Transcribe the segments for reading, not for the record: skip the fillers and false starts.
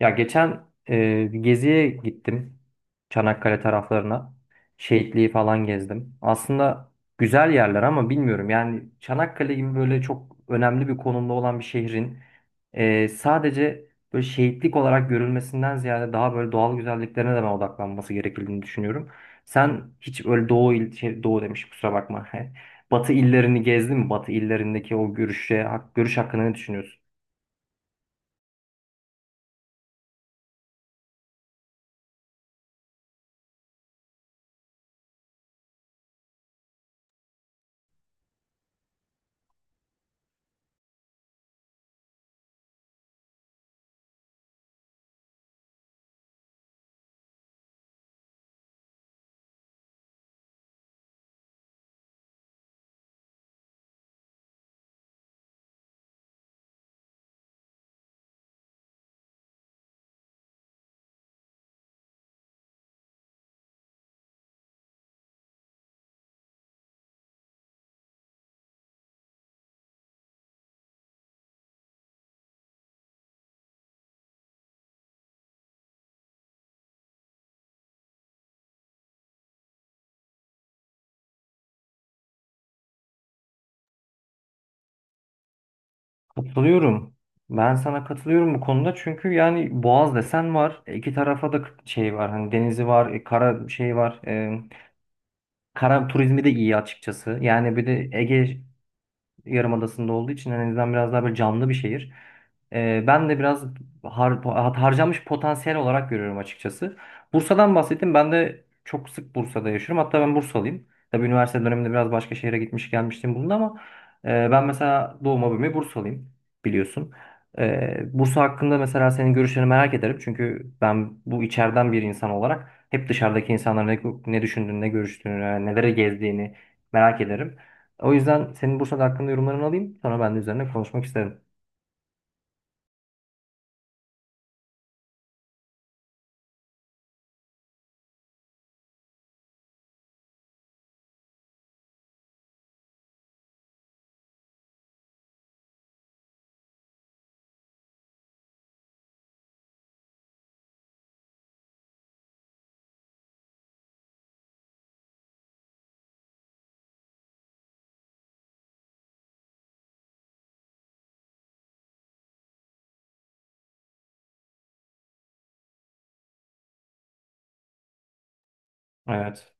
Ya geçen bir geziye gittim. Çanakkale taraflarına. Şehitliği falan gezdim. Aslında güzel yerler ama bilmiyorum. Yani Çanakkale gibi böyle çok önemli bir konumda olan bir şehrin sadece böyle şehitlik olarak görülmesinden ziyade daha böyle doğal güzelliklerine de ben odaklanması gerektiğini düşünüyorum. Sen hiç öyle doğu demiş, kusura bakma. Batı illerini gezdin mi? Batı illerindeki o görüş hakkında ne düşünüyorsun? Katılıyorum. Ben sana katılıyorum bu konuda, çünkü yani Boğaz desen var. İki tarafa da şey var. Hani denizi var, kara şey var. Kara turizmi de iyi açıkçası. Yani bir de Ege Yarımadası'nda olduğu için en azından biraz daha böyle canlı bir şehir. Ben de biraz harcanmış potansiyel olarak görüyorum açıkçası. Bursa'dan bahsettim. Ben de çok sık Bursa'da yaşıyorum. Hatta ben Bursalıyım. Tabii üniversite döneminde biraz başka şehre gitmiş gelmiştim bulundu ama ben mesela doğma büyüme Bursalıyım, biliyorsun. Bursa hakkında mesela senin görüşlerini merak ederim. Çünkü ben bu içeriden bir insan olarak hep dışarıdaki insanların ne düşündüğünü, ne görüştüğünü, nelere gezdiğini merak ederim. O yüzden senin Bursa'da hakkında yorumlarını alayım. Sonra ben de üzerine konuşmak isterim. Evet.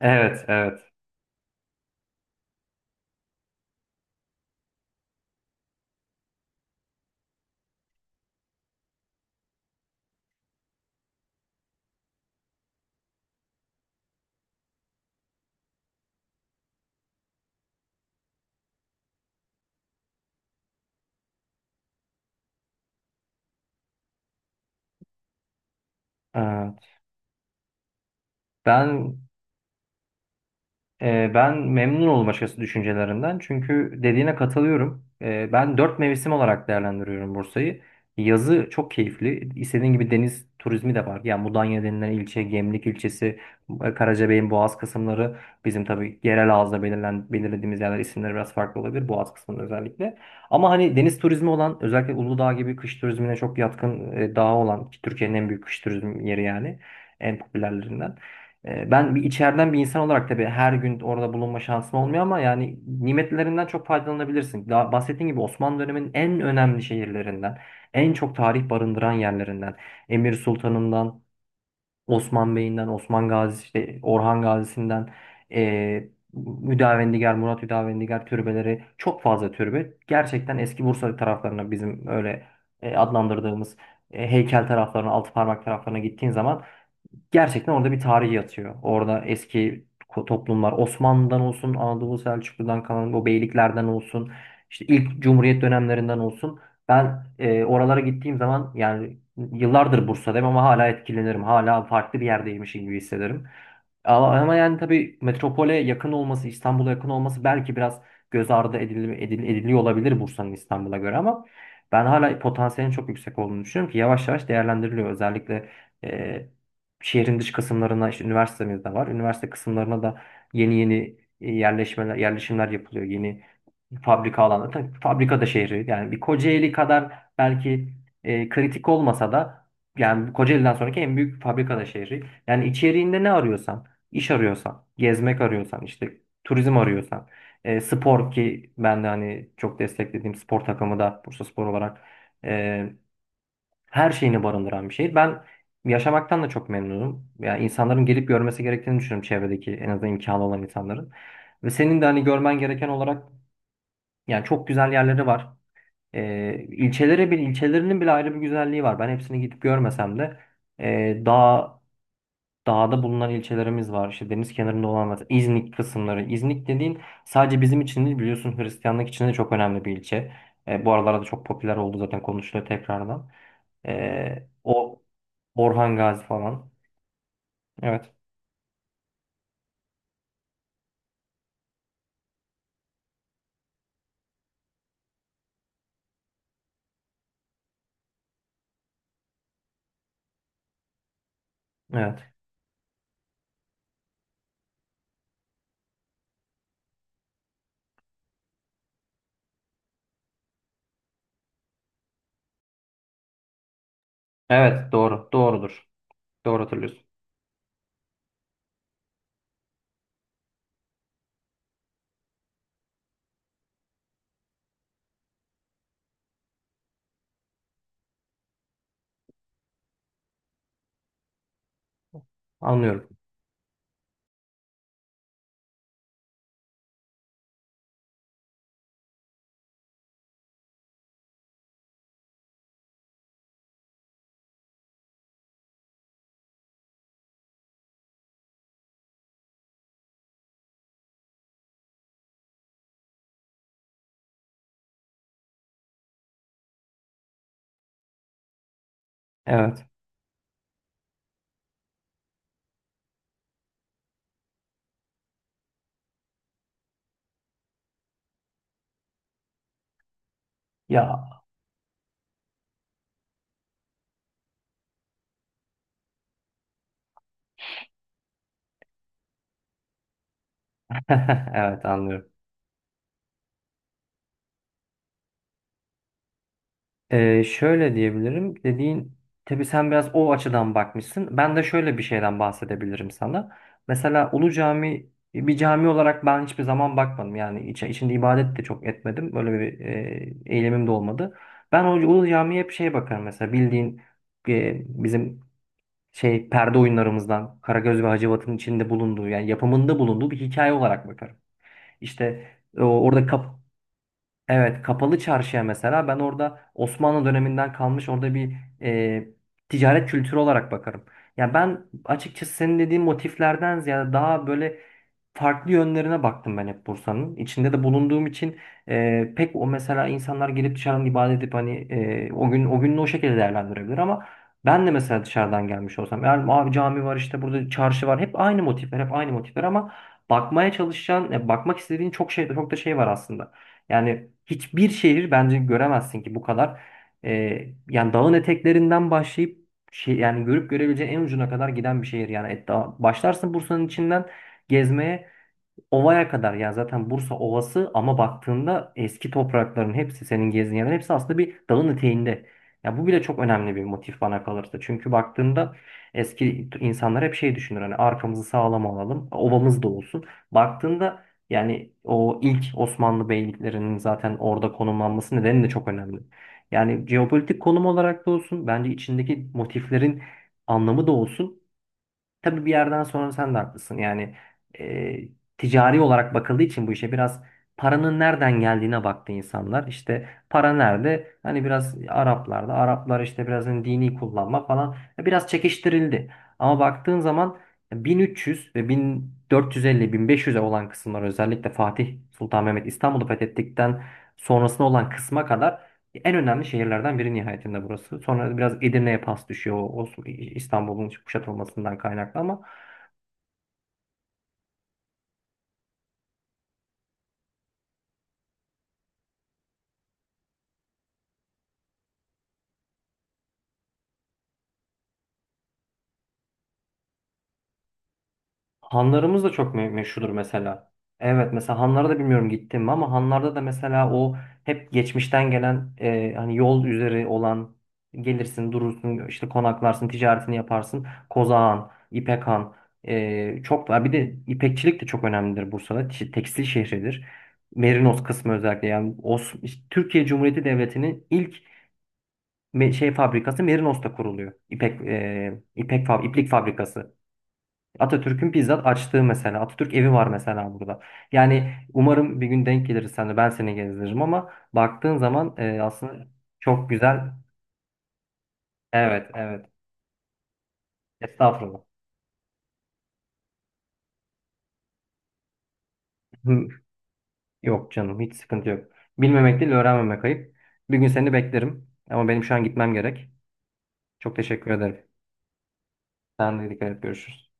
Evet, evet. Evet. Ben Ben memnun oldum açıkçası düşüncelerinden. Çünkü dediğine katılıyorum. Ben dört mevsim olarak değerlendiriyorum Bursa'yı. Yazı çok keyifli. İstediğin gibi deniz turizmi de var. Yani Mudanya denilen ilçe, Gemlik ilçesi, Karacabey'in Boğaz kısımları. Bizim tabii yerel ağızda belirlediğimiz yerler isimleri biraz farklı olabilir. Boğaz kısmında özellikle. Ama hani deniz turizmi olan, özellikle Uludağ gibi kış turizmine çok yatkın dağı olan, ki Türkiye'nin en büyük kış turizm yeri yani en popülerlerinden. Ben bir içeriden bir insan olarak tabii her gün orada bulunma şansım olmuyor ama yani nimetlerinden çok faydalanabilirsin. Daha bahsettiğim gibi Osmanlı döneminin en önemli şehirlerinden, en çok tarih barındıran yerlerinden, Emir Sultan'ından, Osman Bey'inden, Osman Gazi, işte Orhan Gazi'sinden, e, Hüdavendigar, Murat Hüdavendigar türbeleri, çok fazla türbe. Gerçekten eski Bursa taraflarına, bizim öyle adlandırdığımız heykel taraflarına, altı parmak taraflarına gittiğin zaman gerçekten orada bir tarih yatıyor. Orada eski toplumlar Osmanlı'dan olsun, Anadolu Selçuklu'dan kalan o beyliklerden olsun, işte ilk Cumhuriyet dönemlerinden olsun. Ben oralara gittiğim zaman, yani yıllardır Bursa'dayım ama hala etkilenirim. Hala farklı bir yerdeymişim gibi hissederim. Ama yani tabii metropole yakın olması, İstanbul'a yakın olması belki biraz göz ardı ediliyor olabilir Bursa'nın, İstanbul'a göre, ama ben hala potansiyelin çok yüksek olduğunu düşünüyorum ki yavaş yavaş değerlendiriliyor. Özellikle e, şehrin dış kısımlarına, işte üniversitemiz de var. Üniversite kısımlarına da yeni yeni yerleşimler yapılıyor. Yeni fabrika alanı. Tabii fabrika da şehri. Yani bir Kocaeli kadar belki kritik olmasa da yani Kocaeli'den sonraki en büyük fabrika da şehri. Yani içeriğinde ne arıyorsan, iş arıyorsan, gezmek arıyorsan, işte turizm arıyorsan, spor, ki ben de hani çok desteklediğim spor takımı da Bursaspor olarak, e, her şeyini barındıran bir şehir. Ben yaşamaktan da çok memnunum. Yani insanların gelip görmesi gerektiğini düşünüyorum, çevredeki en azından imkanı olan insanların. Ve senin de hani görmen gereken olarak, yani çok güzel yerleri var. İlçeleri bir ilçelerinin bile ayrı bir güzelliği var. Ben hepsini gidip görmesem de daha dağda bulunan ilçelerimiz var. İşte deniz kenarında olan mesela İznik kısımları. İznik dediğin sadece bizim için değil, biliyorsun, Hristiyanlık için de çok önemli bir ilçe. Bu aralarda da çok popüler oldu zaten, konuşuluyor tekrardan. O Orhan Gazi falan. Evet. Evet. Evet, doğru. Doğrudur. Doğru hatırlıyorsun. Anlıyorum. Evet. Ya, evet, anlıyorum. Şöyle diyebilirim. Dediğin, tabii sen biraz o açıdan bakmışsın. Ben de şöyle bir şeyden bahsedebilirim sana. Mesela Ulu Cami bir cami olarak ben hiçbir zaman bakmadım. Yani içinde ibadet de çok etmedim. Böyle bir eylemim de olmadı. Ben o Ulu Cami'ye hep şey bakarım, mesela bildiğin bizim şey perde oyunlarımızdan Karagöz ve Hacivat'ın içinde bulunduğu, yani yapımında bulunduğu bir hikaye olarak bakarım. İşte orada kapalı çarşıya mesela ben orada Osmanlı döneminden kalmış, orada bir e, ticaret kültürü olarak bakarım. Ya ben açıkçası senin dediğin motiflerden ziyade daha böyle farklı yönlerine baktım ben hep Bursa'nın. İçinde de bulunduğum için pek o, mesela, insanlar gelip dışarıdan ibadet edip hani o gün o gününü o şekilde değerlendirebilir, ama ben de mesela dışarıdan gelmiş olsam, yani abi cami var, işte burada çarşı var, hep aynı motifler hep aynı motifler, ama bakmaya çalışan bakmak istediğin çok şey, çok da şey var aslında. Yani hiçbir şehir bence göremezsin ki bu kadar, e, yani dağın eteklerinden başlayıp şey yani görüp görebileceğin en ucuna kadar giden bir şehir, yani başlarsın Bursa'nın içinden gezmeye, Ova'ya kadar. Yani zaten Bursa Ovası, ama baktığında eski toprakların hepsi, senin gezdiğin yerlerin hepsi, aslında bir dağın eteğinde. Ya bu bile çok önemli bir motif bana kalırsa. Çünkü baktığında eski insanlar hep şey düşünür, hani arkamızı sağlam alalım, ovamız da olsun. Baktığında, yani o ilk Osmanlı beyliklerinin zaten orada konumlanması nedeni de çok önemli. Yani jeopolitik konum olarak da olsun, bence içindeki motiflerin anlamı da olsun. Tabii bir yerden sonra sen de haklısın. Yani e, ticari olarak bakıldığı için bu işe, biraz paranın nereden geldiğine baktı insanlar. İşte para nerede? Hani biraz Araplarda. Araplar işte biraz hani dini kullanma falan. Biraz çekiştirildi. Ama baktığın zaman 1300 ve 1450-1500'e olan kısımlar, özellikle Fatih Sultan Mehmet İstanbul'u fethettikten sonrasına olan kısma kadar, en önemli şehirlerden biri nihayetinde burası. Sonra biraz Edirne'ye pas düşüyor, o İstanbul'un kuşatılmasından kaynaklı, ama hanlarımız da çok meşhurdur mesela. Evet, mesela hanlara da bilmiyorum gittim mi, ama hanlarda da mesela o hep geçmişten gelen hani yol üzeri olan, gelirsin durursun işte, konaklarsın, ticaretini yaparsın. Kozağan, İpek Han, çok var. Bir de ipekçilik de çok önemlidir Bursa'da. Tekstil şehridir. Merinos kısmı özellikle, yani Türkiye Cumhuriyeti Devleti'nin ilk fabrikası Merinos'ta kuruluyor. İpek e, ipek fab iplik fabrikası. Atatürk'ün bizzat açtığı mesela. Atatürk evi var mesela burada. Yani umarım bir gün denk geliriz, sen de, ben seni gezdiririm, ama baktığın zaman aslında çok güzel. Evet, evet. Estağfurullah. Hı, yok canım, hiç sıkıntı yok. Bilmemek değil, öğrenmemek ayıp. Bir gün seni beklerim ama benim şu an gitmem gerek. Çok teşekkür ederim. Sen de dikkat et, görüşürüz.